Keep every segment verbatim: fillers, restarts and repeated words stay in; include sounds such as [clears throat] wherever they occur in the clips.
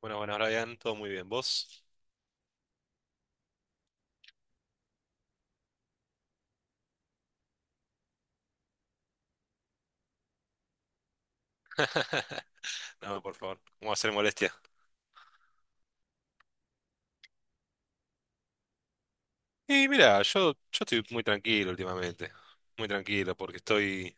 Bueno, bueno, Brian, todo muy bien. ¿Vos? [laughs] No, por favor, no va a ser molestia. Y mira, yo, yo estoy muy tranquilo últimamente. Muy tranquilo, porque estoy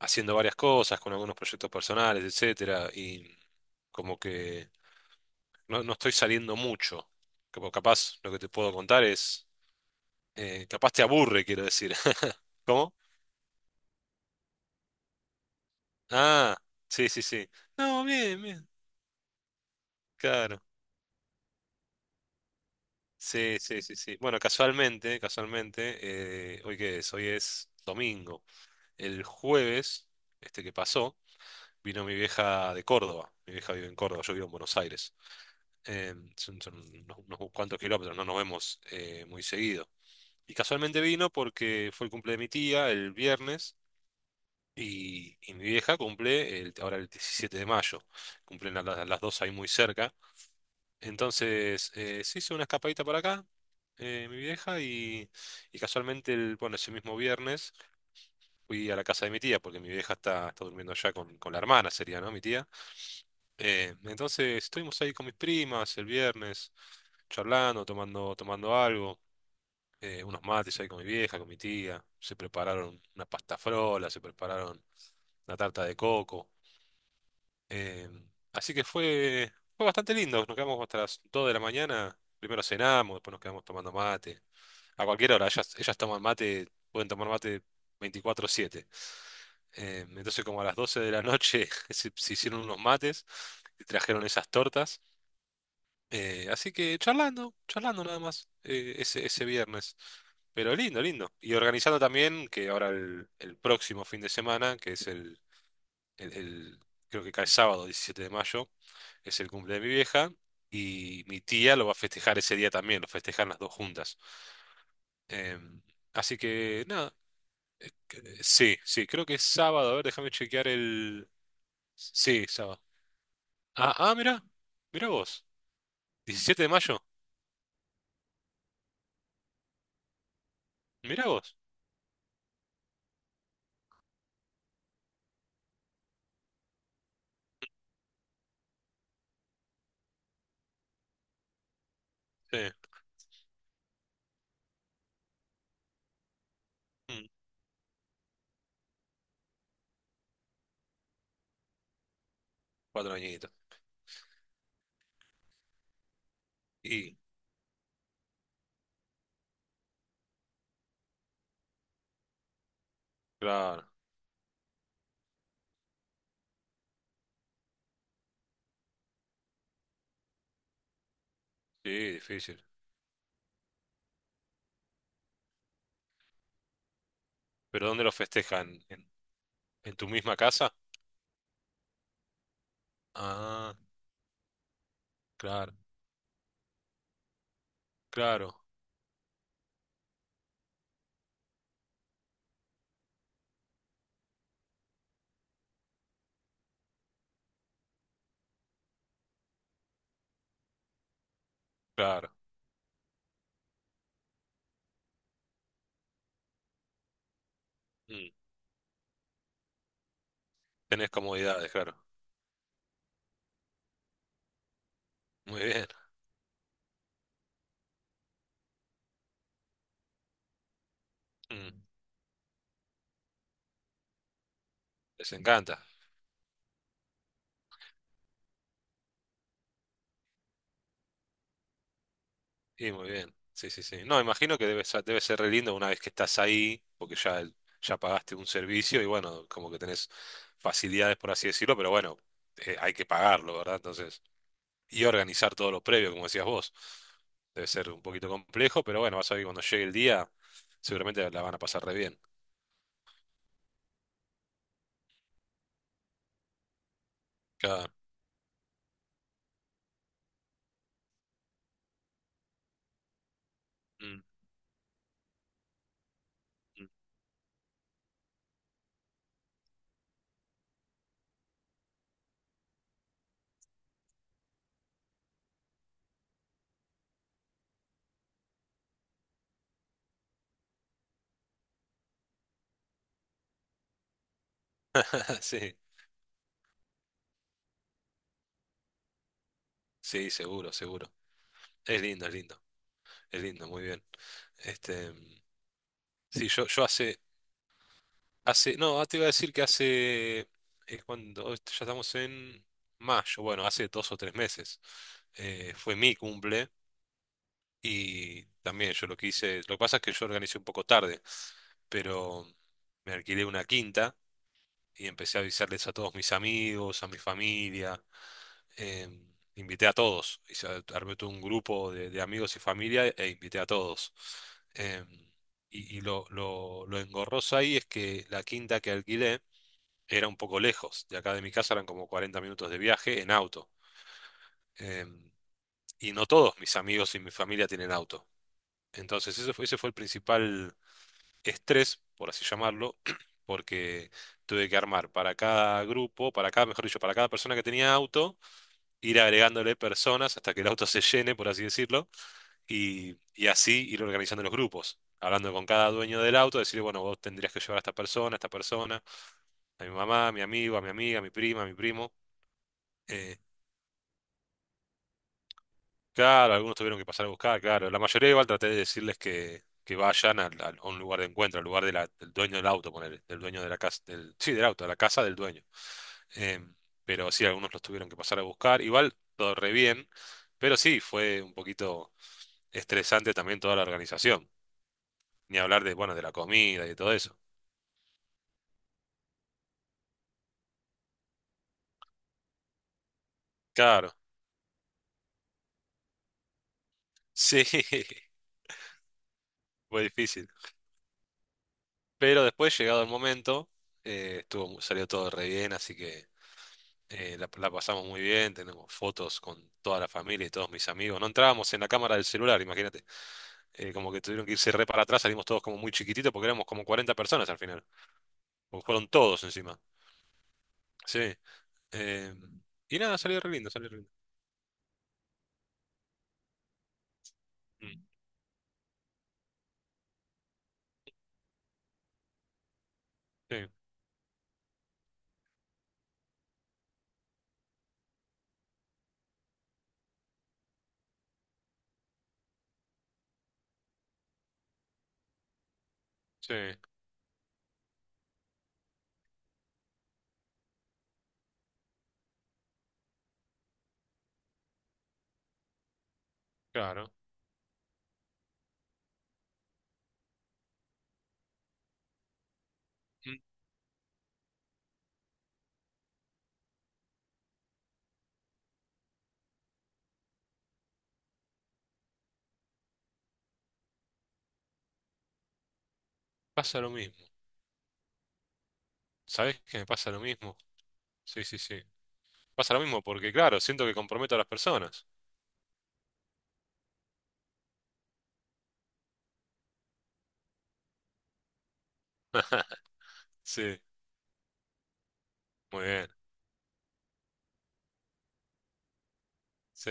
haciendo varias cosas con algunos proyectos personales, etcétera, y como que no, no estoy saliendo mucho. Como capaz lo que te puedo contar es. Eh, capaz te aburre, quiero decir. [laughs] ¿Cómo? Ah, sí, sí, sí. No, bien, bien. Claro. Sí, sí, sí, sí. Bueno, casualmente, casualmente, eh, ¿hoy qué es? Hoy es domingo. El jueves, este que pasó, vino mi vieja de Córdoba. Mi vieja vive en Córdoba, yo vivo en Buenos Aires. Eh, son, son unos, unos cuantos kilómetros, no nos vemos eh, muy seguido. Y casualmente vino porque fue el cumple de mi tía el viernes y, y mi vieja cumple el, ahora el diecisiete de mayo. Cumplen a las, las dos ahí muy cerca. Entonces eh, se hizo una escapadita para acá, eh, mi vieja, y, y casualmente el, bueno, ese mismo viernes fui a la casa de mi tía, porque mi vieja está, está durmiendo allá con, con la hermana, sería, ¿no? Mi tía. Eh, entonces estuvimos ahí con mis primas el viernes, charlando, tomando, tomando algo, eh, unos mates ahí con mi vieja, con mi tía. Se prepararon una pasta frola, se prepararon una tarta de coco. eh, Así que fue, fue bastante lindo. Nos quedamos hasta las dos de la mañana. Primero cenamos, después nos quedamos tomando mate. A cualquier hora, ellas, ellas toman mate, pueden tomar mate veinticuatro siete. Eh, entonces como a las doce de la noche, [laughs] se, se hicieron unos mates y trajeron esas tortas. Eh, así que charlando, charlando nada más eh, ese, ese viernes. Pero lindo, lindo. Y organizando también que ahora el, el próximo fin de semana, que es el, el- el- creo que cae sábado diecisiete de mayo, es el cumple de mi vieja. Y mi tía lo va a festejar ese día también, lo festejan las dos juntas. Em, Así que nada, que- sí, sí, creo que es sábado. A ver, déjame chequear el... Sí, sábado. Ah, ah, mirá, mirá vos. Diecisiete de mayo, mirá vos. Sí, mm, cuatro añitos. Y, claro, sí, difícil. ¿Pero dónde lo festejan? ¿En, en tu misma casa? Ah, claro, claro, claro. Mm, Tenés comodidades, claro. Muy bien. mm, Les encanta. Y muy bien. Sí, sí, sí. No, imagino que debe ser, debe ser re lindo una vez que estás ahí, porque ya, el- ya pagaste un servicio y bueno, como que tenés facilidades, por así decirlo, pero bueno, eh, hay que pagarlo, ¿verdad? Entonces. Y organizar todo lo previo, como decías vos. Debe ser un poquito complejo, pero bueno, vas a ver que cuando llegue el día, seguramente la van a pasar re bien. Claro. Mm, mm. [laughs] Sí, sí, seguro, seguro. Es lindo, es lindo, es lindo, muy bien. Este, sí, yo, yo hace, hace, no, ah, te iba a decir que hace, es cuando, hoy ya estamos en mayo, bueno, hace dos o tres meses, eh, fue mi cumple. Y también yo lo que hice, lo que pasa es que yo organicé un poco tarde, pero me alquilé una quinta y empecé a avisarles a todos mis amigos, a mi familia, em, invité a todos, hice, armé todo un grupo de, de amigos y familia e invité a todos. Em, y y lo, lo, lo engorroso ahí es que la quinta que alquilé era un poco lejos, de acá de mi casa eran como cuarenta minutos de viaje en auto. Em, y no todos mis amigos y mi familia tienen auto. Entonces, ese fue, ese fue el principal estrés, por así llamarlo, [clears throat] porque tuve que armar para cada grupo, para cada, mejor dicho, para cada persona que tenía auto, ir agregándole personas hasta que el auto se llene, por así decirlo, y, y así ir organizando los grupos. Hablando con cada dueño del auto, decirle, bueno, vos tendrías que llevar a esta persona, a esta persona, a mi mamá, a mi amigo, a mi amiga, a mi prima, a mi primo. eh, Claro, algunos tuvieron que pasar a buscar, claro. La mayoría igual traté de decirles que, que vayan al- al- a un lugar de encuentro, al lugar de la- del dueño del auto, ponele, del dueño de la casa, del, sí, del auto, a la casa del dueño. Em, pero sí, algunos los tuvieron que pasar a buscar. Igual todo re bien, pero sí, fue un poquito estresante también toda la organización. Ni hablar de, bueno, de la comida y de todo eso. Claro, sí, [laughs] fue difícil. Pero después, llegado el momento, eh, estuvo, mu- salió todo re bien, así que... eh, la, la pasamos muy bien, tenemos fotos con toda la familia y todos mis amigos. No entrábamos en la cámara del celular, imagínate. Eh, como que tuvieron que irse re para atrás, salimos todos como muy chiquititos porque éramos como cuarenta personas al final. Porque fueron todos encima. Sí. eh, y nada, salió re lindo, salió re lindo. Mm, sí, sí, claro. Mm, Pasa lo mismo. ¿Sabés que me pasa lo mismo? Sí, sí, sí. Pasa lo mismo porque, claro, siento que comprometo a las personas. [laughs] Sí, muy bien. Sí.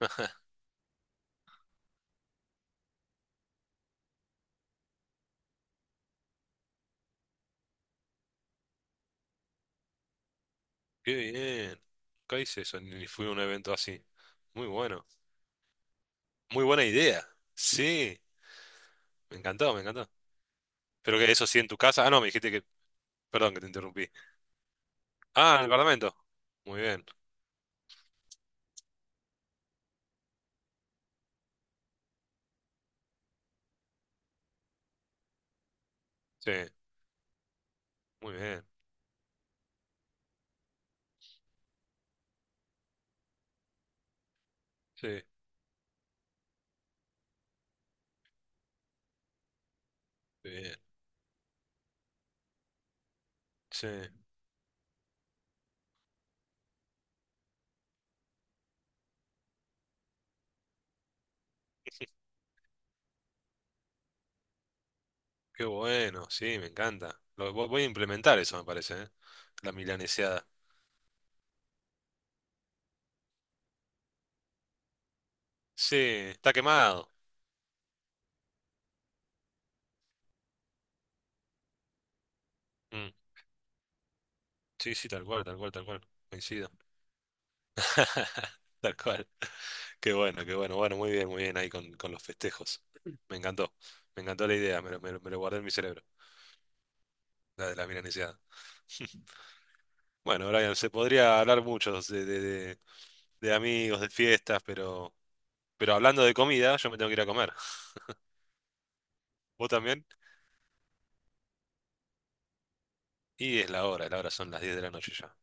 [laughs] Qué bien. Nunca hice eso, ni fui a un evento así. Muy bueno. Muy buena idea. Sí, me encantó, me encantó. Pero que eso sí en tu casa. Ah, no, me dijiste que. Perdón que te interrumpí. Ah, en el Parlamento. Muy bien. Sí, muy bien. Sí, muy bien. Sí, qué bueno. Sí, me encanta. Lo, vo- voy a implementar eso, me parece, ¿eh? La milaneseada. Sí, está quemado. Mm, sí, sí, tal cual, tal cual, tal cual. Coincido. [laughs] Tal cual. Qué bueno, qué bueno. Bueno, muy bien, muy bien ahí con, con los festejos. Me encantó, me encantó la idea, me lo, me lo- me lo guardé en mi cerebro, la de la milanesiada. Bueno, Brian, se podría hablar mucho de, de- de- de amigos, de fiestas, pero, pero hablando de comida, yo me tengo que ir a comer. [laughs] ¿Vos también? Y es la hora, la hora, son las diez de la noche ya.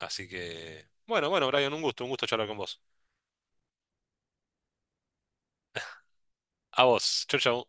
Así que, bueno, bueno, Brian, un gusto, un gusto charlar con vos. A vos, chau, chau.